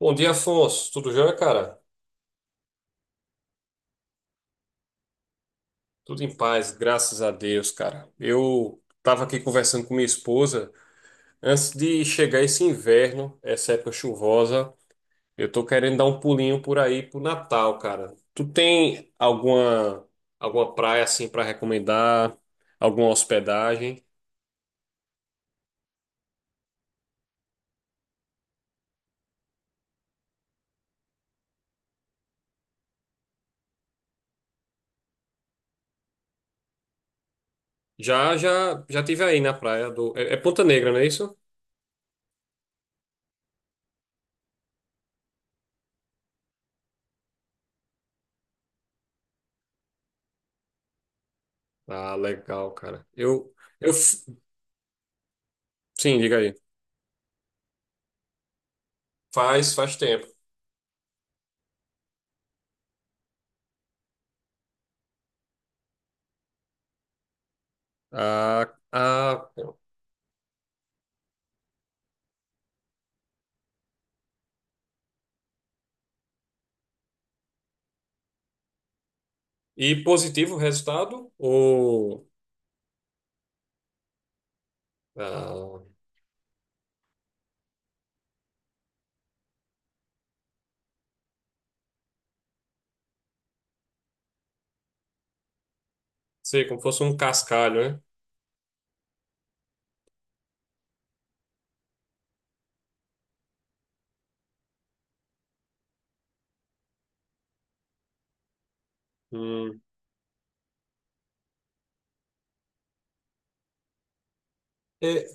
Bom dia, Afonso. Tudo jóia, cara? Tudo em paz, graças a Deus, cara. Eu tava aqui conversando com minha esposa. Antes de chegar esse inverno, essa época chuvosa, eu tô querendo dar um pulinho por aí pro Natal, cara. Tu tem alguma praia assim pra recomendar? Alguma hospedagem? Já tive aí na praia do Ponta Negra, não é isso? Ah, legal, cara. Eu f- sim, diga aí. Faz tempo. Ah, ah. E positivo o resultado? Ah, Sei, como fosse um cascalho, né? Hum. É,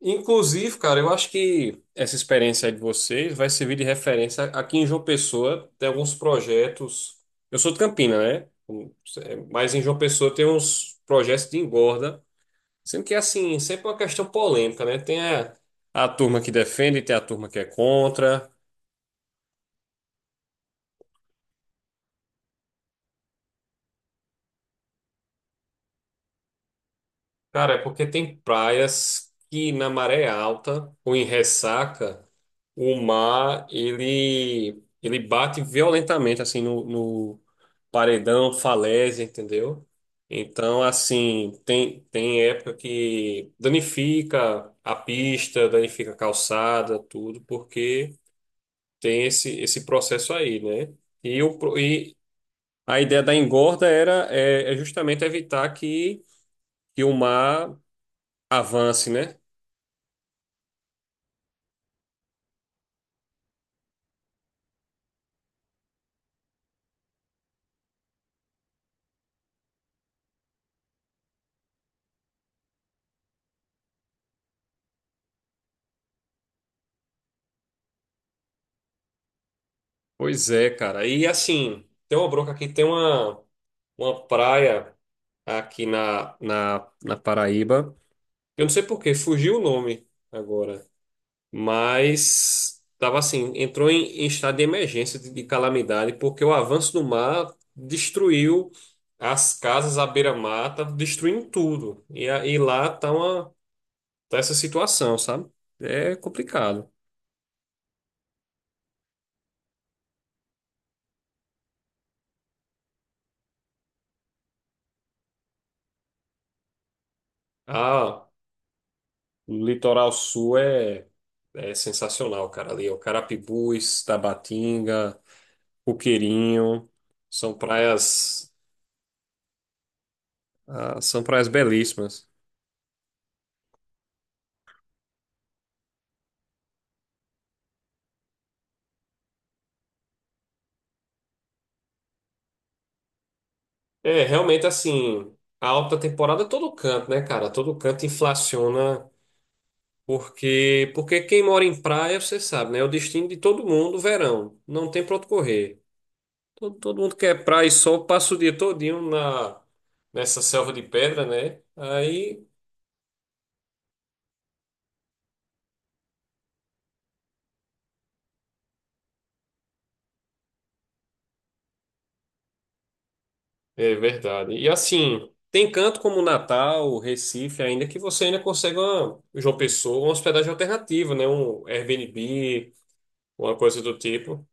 inclusive, cara, eu acho que essa experiência aí de vocês vai servir de referência. Aqui em João Pessoa tem alguns projetos. Eu sou de Campina, né? Mas em João Pessoa tem uns projetos de engorda. Sendo que, assim, sempre é uma questão polêmica, né? Tem a turma que defende, tem a turma que é contra. Cara, é porque tem praias que na maré alta ou em ressaca, o mar ele bate violentamente assim no paredão, falésia, entendeu? Então, assim, tem época que danifica a pista, danifica a calçada, tudo, porque tem esse processo aí, né? E a ideia da engorda era justamente evitar que o mar avance, né? Pois é, cara. E assim, tem uma bronca aqui, uma praia aqui na Paraíba. Eu não sei por quê, fugiu o nome agora. Mas tava assim, entrou em estado de emergência, de calamidade, porque o avanço do mar destruiu as casas à beira-mar, tá destruindo tudo. E aí lá tá tá essa situação, sabe? É complicado. Ah. O litoral sul é sensacional, cara. Ali é o Carapibus, Tabatinga, Coqueirinho, são praias, são praias belíssimas. É, realmente assim, a alta temporada é todo canto, né, cara? Todo canto inflaciona, porque quem mora em praia, você sabe, né? É o destino de todo mundo, verão. Não tem pra onde correr. Todo mundo quer praia e sol, passa o dia todinho nessa selva de pedra, né? Aí é verdade. E assim, tem canto como Natal, Recife, ainda que você ainda consegue uma, João Pessoa, uma hospedagem alternativa, né? Um Airbnb, uma coisa do tipo.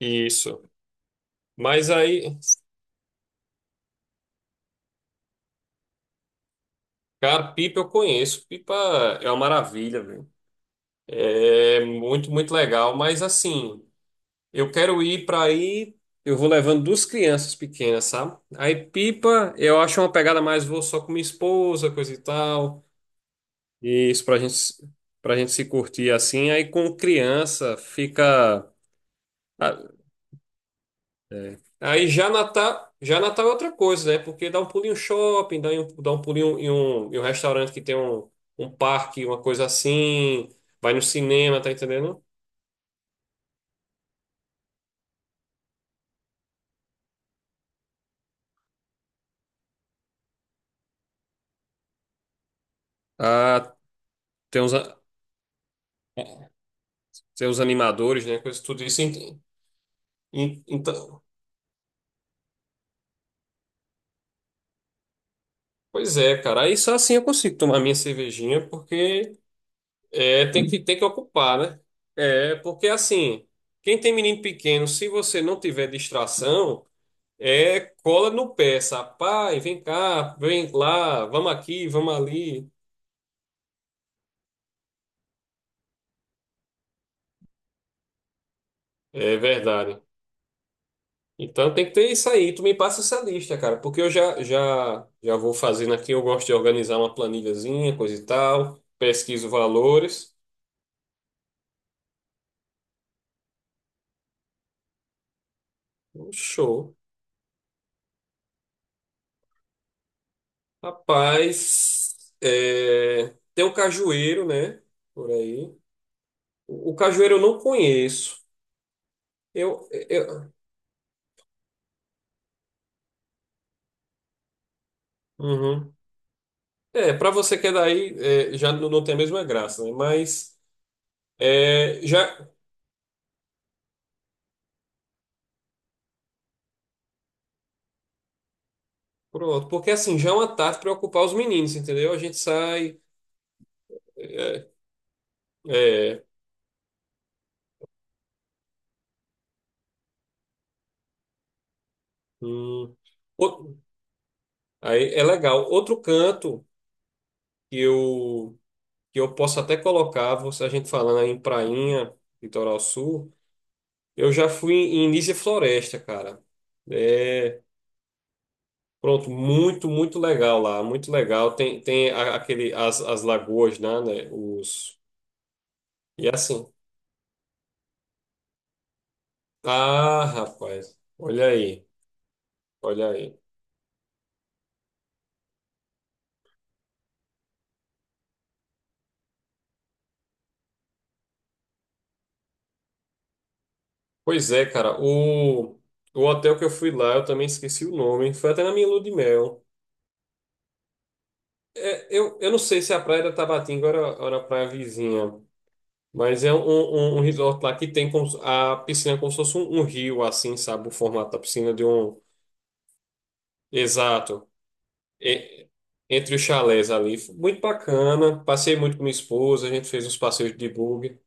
Isso. Mas aí, cara, Pipa eu conheço. Pipa é uma maravilha, velho. É muito legal. Mas assim, eu quero ir para aí. Eu vou levando duas crianças pequenas, sabe? Aí Pipa, eu acho uma pegada mais, vou só com minha esposa, coisa e tal. E isso pra gente se curtir assim, aí com criança fica. ah, É. Aí já Natal é outra coisa, né? Porque dá um pulinho em um shopping, dá um pulinho em um restaurante que tem um parque, uma coisa assim, vai no cinema, tá entendendo? Ah, tem os, a- tem os animadores, né? Coisa, tudo isso. Então, pois é, cara. Aí só assim eu consigo tomar minha cervejinha, porque. É, tem que ocupar, né? É, porque assim, quem tem menino pequeno, se você não tiver distração, é cola no pé, sabe? Pai, vem cá, vem lá, vamos aqui, vamos ali. É verdade. Então tem que ter isso aí. Tu me passa essa lista, cara, porque eu já vou fazendo aqui. Eu gosto de organizar uma planilhazinha, coisa e tal. Pesquiso valores. Um show. Rapaz, é, tem um cajueiro, né? Por aí. O cajueiro eu não conheço. Eu, eu- Uhum. É, para você que é daí, é, já não, não tem a mesma graça, né? Mas é, já pronto, porque assim já é uma tarde para ocupar os meninos, entendeu? A gente sai, é, é, hum. O- Aí é legal. Outro canto que eu que eu posso até colocar, você a gente falando aí em Prainha, Litoral Sul, eu já fui em Nísia Floresta, cara. É, pronto, muito legal lá, muito legal. Tem as lagoas, né, os... E assim. Ah, rapaz, olha aí. Pois é, cara, o hotel que eu fui lá, eu também esqueci o nome, foi até na minha lua de mel. É, eu não sei se a praia da Tabatinga era a praia vizinha, mas é um resort lá que tem como se- a piscina é como se fosse um rio, assim, sabe? O formato da piscina de um. Exato. e- Entre os chalés ali. Foi muito bacana. Passei muito com minha esposa, a gente fez uns passeios de bug.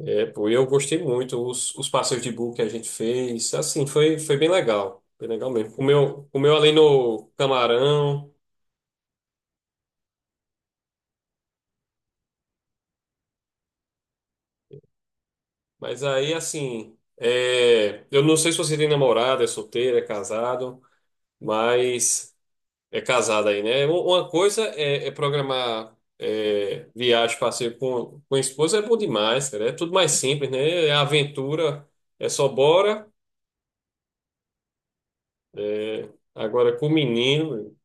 É, pô, eu gostei muito. Os passeios de bug que a gente fez, assim, foi bem legal. Foi legal mesmo. Comeu ali no Camarão, mas aí, assim, é, eu não sei se você tem namorada, é solteiro, é casado, mas. É casado aí, né? Uma coisa é, é programar é, viagem, passeio com a esposa é bom demais, cara. É tudo mais simples, né? É aventura, é só bora. É, agora com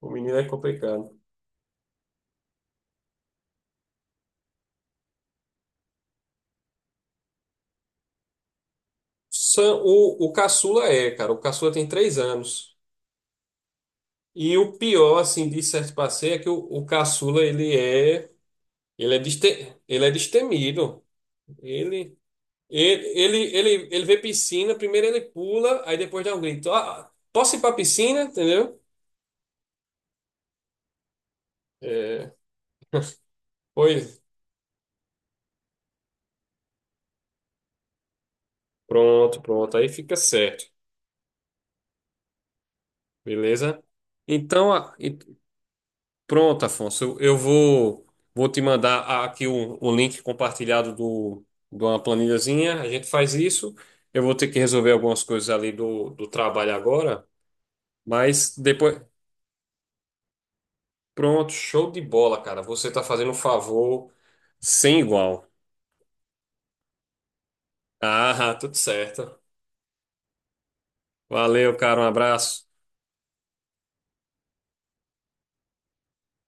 o menino é complicado. O caçula é, cara. O caçula tem 3 anos. E o pior, assim, de certo passeio é que o caçula, ele é destemido. Ele, ele vê piscina, primeiro ele pula, aí depois dá um grito. Ah, posso ir pra piscina? Entendeu? É, pois, pronto. Aí fica certo, beleza? Então, pronto, Afonso. Vou te mandar aqui o link compartilhado do, de uma planilhazinha. A gente faz isso. Eu vou ter que resolver algumas coisas ali do trabalho agora, mas depois. Pronto, show de bola, cara. Você tá fazendo um favor sem igual. Ah, tudo certo. Valeu, cara. Um abraço.